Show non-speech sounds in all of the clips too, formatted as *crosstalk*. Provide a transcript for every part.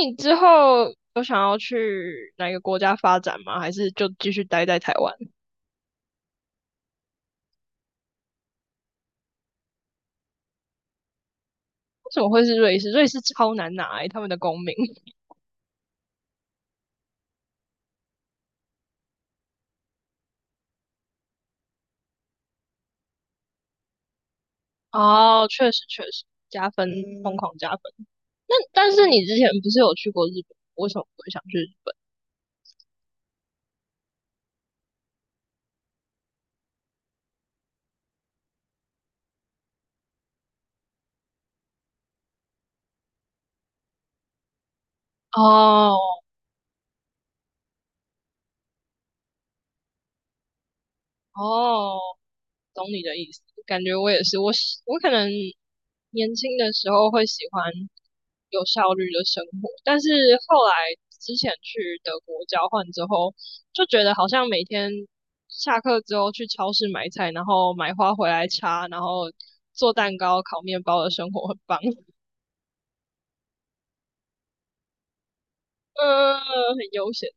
你之后有想要去哪个国家发展吗？还是就继续待在台湾？为什么会是瑞士？瑞士超难拿、欸，他们的公民。哦，确实确实加分，疯狂加分。那但是你之前不是有去过日本？为什么不会想去日本？哦哦，懂你的意思，感觉我也是，我可能年轻的时候会喜欢有效率的生活，但是后来之前去德国交换之后，就觉得好像每天下课之后去超市买菜，然后买花回来插，然后做蛋糕、烤面包的生活很棒，*laughs* 嗯、很悠闲。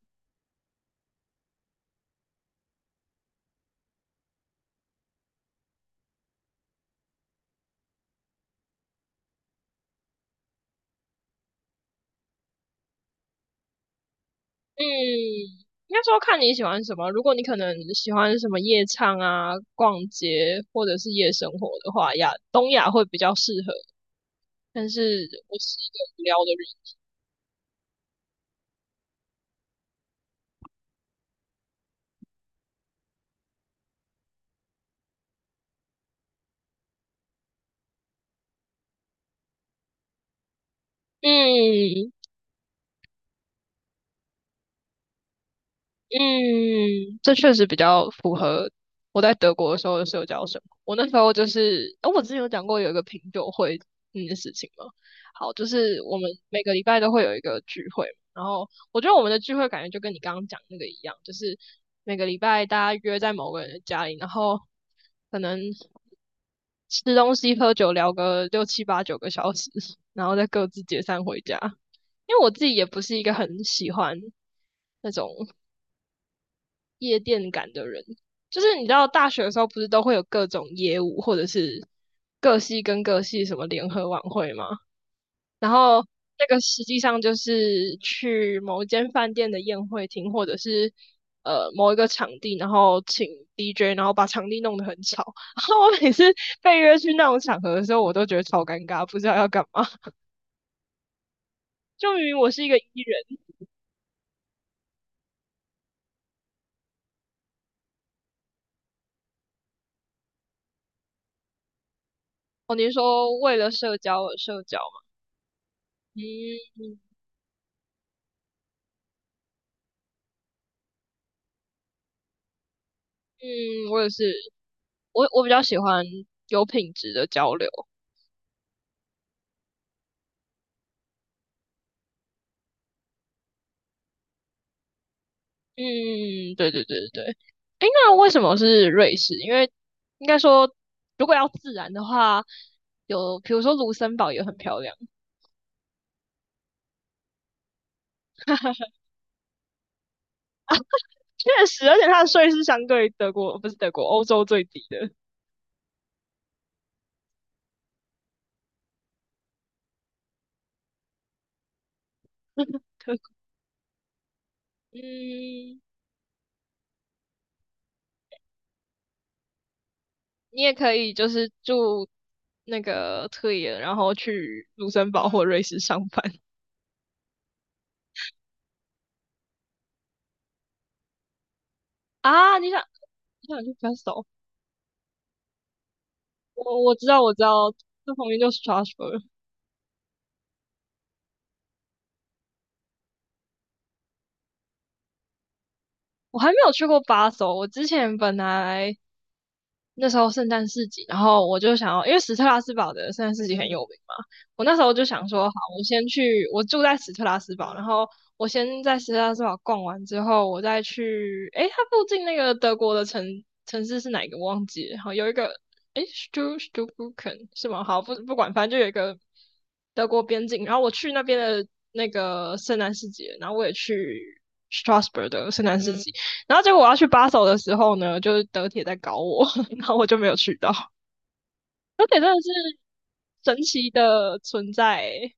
嗯，应该说看你喜欢什么。如果你可能喜欢什么夜唱啊、逛街或者是夜生活的话，亚东亚会比较适合。但是我是一个无聊的人，嗯，嗯，这确实比较符合我在德国的时候的社交生活。我那时候就是，哦，我之前有讲过有一个品酒会那件事情吗？好，就是我们每个礼拜都会有一个聚会，然后我觉得我们的聚会感觉就跟你刚刚讲那个一样，就是每个礼拜大家约在某个人的家里，然后可能吃东西、喝酒、聊个六七八九个小时，然后再各自解散回家。因为我自己也不是一个很喜欢那种。夜店感的人。就是你知道大学的时候不是都会有各种业务或者是各系跟各系什么联合晚会吗？然后那个实际上就是去某一间饭店的宴会厅或者是某一个场地，然后请 DJ，然后把场地弄得很吵。然后我每次被约去那种场合的时候，我都觉得超尴尬，不知道要干嘛。就明明我是一个 E 人，哦，您说为了社交而社交嘛？嗯嗯，嗯我也是。我比较喜欢有品质的交流。嗯，对对对对。那为什么是瑞士？因为应该说，如果要自然的话，有比如说卢森堡也很漂亮，确实，而且它的税是相对德国不是德国欧洲最低的。嗯，你也可以就是住那个特野，然后去卢森堡或瑞士上班啊。你想你想去 f e s t 我知道我知道，这旁边就是 Strasbourg。我还没有去过巴首，我之前本来那时候圣诞市集，然后我就想要，因为史特拉斯堡的圣诞市集很有名嘛，我那时候就想说，好，我先去，我住在史特拉斯堡，然后我先在史特拉斯堡逛完之后，我再去，诶，它附近那个德国的城市是哪一个忘记了，好，有一个，诶 s t u s t u b r u c k e n 是吗？好，不管，反正就有一个德国边境，然后我去那边的那个圣诞市集，然后我也去 Strasbourg 的圣诞市集。然后结果我要去巴首的时候呢，就是德铁在搞我，*laughs* 然后我就没有去到。德铁真的是神奇的存在欸。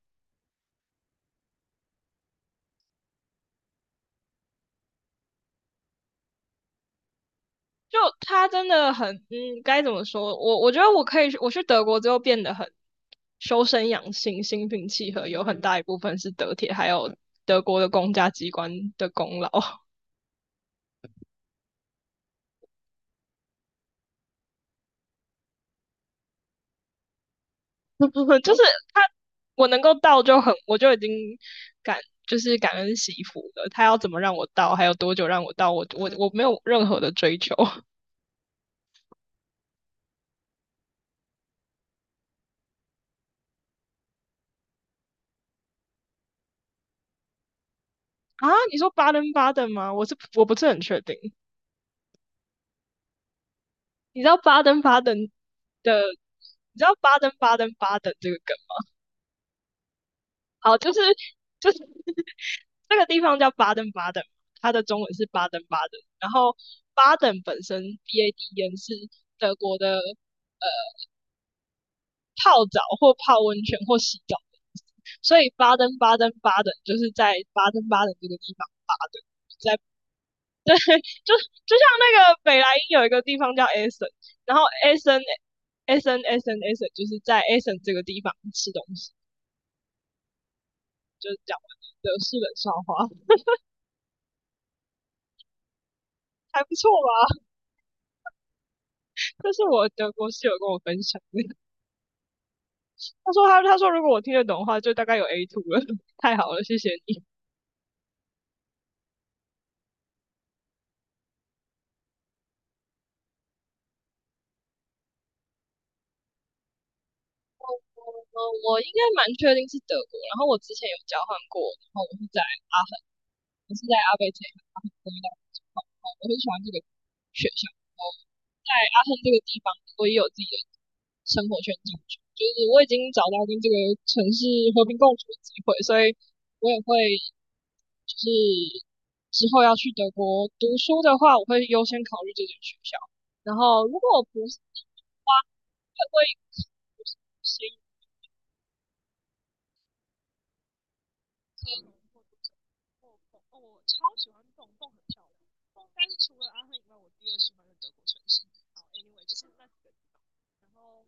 就他真的很，嗯，该怎么说？我觉得我可以，我去德国之后变得很修身养性、心平气和，有很大一部分是德铁还有德国的公家机关的功劳，*laughs* 就是他我能够到就很，我就已经感就是感恩惜福了。他要怎么让我到，还有多久让我到，我没有任何的追求。啊，你说巴登巴登吗？我是我不是很确定。你知道巴登巴登的，你知道巴登巴登巴登这个梗？好，就是 *laughs* 这个地方叫巴登巴登，它的中文是巴登巴登。然后巴登本身 B A D E N 是德国的泡澡或泡温泉或洗澡的意思，所以巴登巴登巴登就是在巴登巴登这个地方巴登，在就就像那个北莱茵有一个地方叫 Essen，然后 Essen Essen Essen Essen 就是在 Essen 这个地方吃东西，就是讲完德式冷笑话，还不错吧？这是我德国室友跟我分享的，他说如果我听得懂的话，就大概有 A two 了，太好了，谢谢你。嗯，我应该蛮确定是德国，然后我之前有交换过，然后我是在阿我是在阿贝这一行阿亨工业大学情况，我很喜欢这个学校，然后在阿亨这个地方，我也有自己的生活圈进去，就是我已经找到跟这个城市和平共处的机会，所以我也会就是之后要去德国读书的话，我会优先考虑这间学校。然后如果我不是的话，会不会先推轮或者什么。我哦我超喜欢蹦蹦，很漂亮。蹦应该是除了阿亨以外，我第二喜欢的德国城市。好，anyway 就是那几个，然后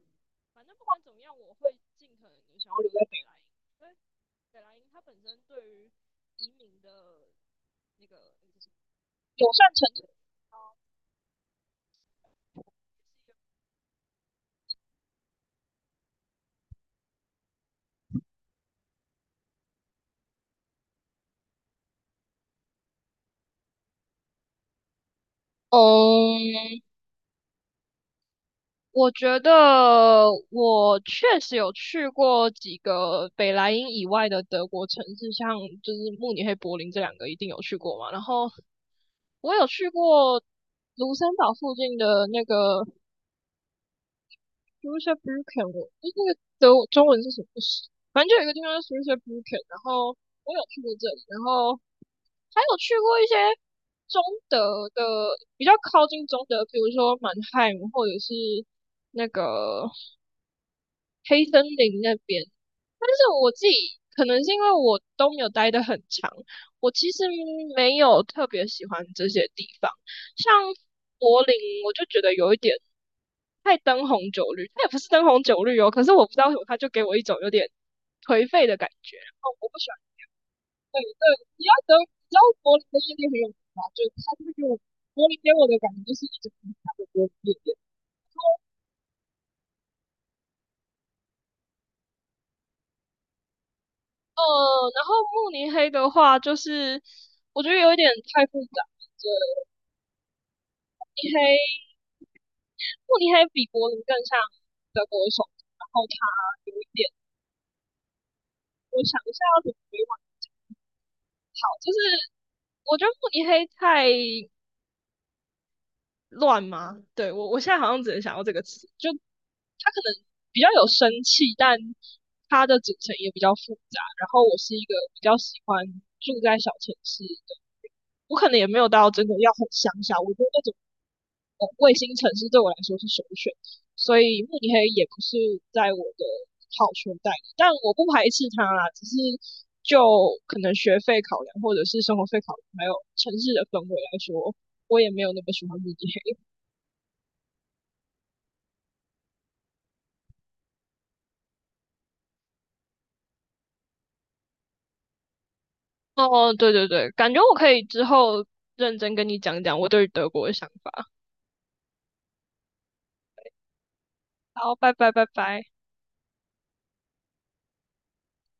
反正不管怎么样，我会尽可能的想要留在北莱茵，因为北莱茵它本身对于移民的那个友善程度，嗯，我觉得我确实有去过几个北莱茵以外的德国城市，像就是慕尼黑、柏林这两个一定有去过嘛。然后我有去过卢森堡附近的那个 s c h u s w e b r i c k e n 我诶那个德中文是什么？反正就有一个地方叫 s c h u s w e b r i c k e n 然后我有去过这里，然后还有去过一些中德的比较靠近中德，比如说满汉或者是那个黑森林那边。但是我自己可能是因为我都没有待得很长，我其实没有特别喜欢这些地方。像柏林，我就觉得有一点太灯红酒绿，它也不是灯红酒绿哦，可是我不知道为什么，它就给我一种有点颓废的感觉。然后我不喜欢，对对，你要等，你知道柏林的夜店很有名吗？就是它就是给我柏林给我的感觉就是一直不停的柏林夜店。呃，然后慕尼黑的话，就是我觉得有一点太复杂。对，慕尼黑，慕尼黑比柏林更像德国的首手，然后它有一点，我想一下要怎么委婉好，就是我觉得慕尼黑太乱吗？对，我我现在好像只能想到这个词，就它可能比较有生气，但它的组成也比较复杂。然后我是一个比较喜欢住在小城市的我可能也没有到真的要很乡下，我觉得那种卫星城市对我来说是首选，所以慕尼黑也不是在我的好圈带里但我不排斥它啦，只是就可能学费考量或者是生活费考量，还有城市的氛围来说，我也没有那么喜欢慕尼黑。哦，对对对，感觉我可以之后认真跟你讲讲我对于德国的想法。好，拜拜拜拜。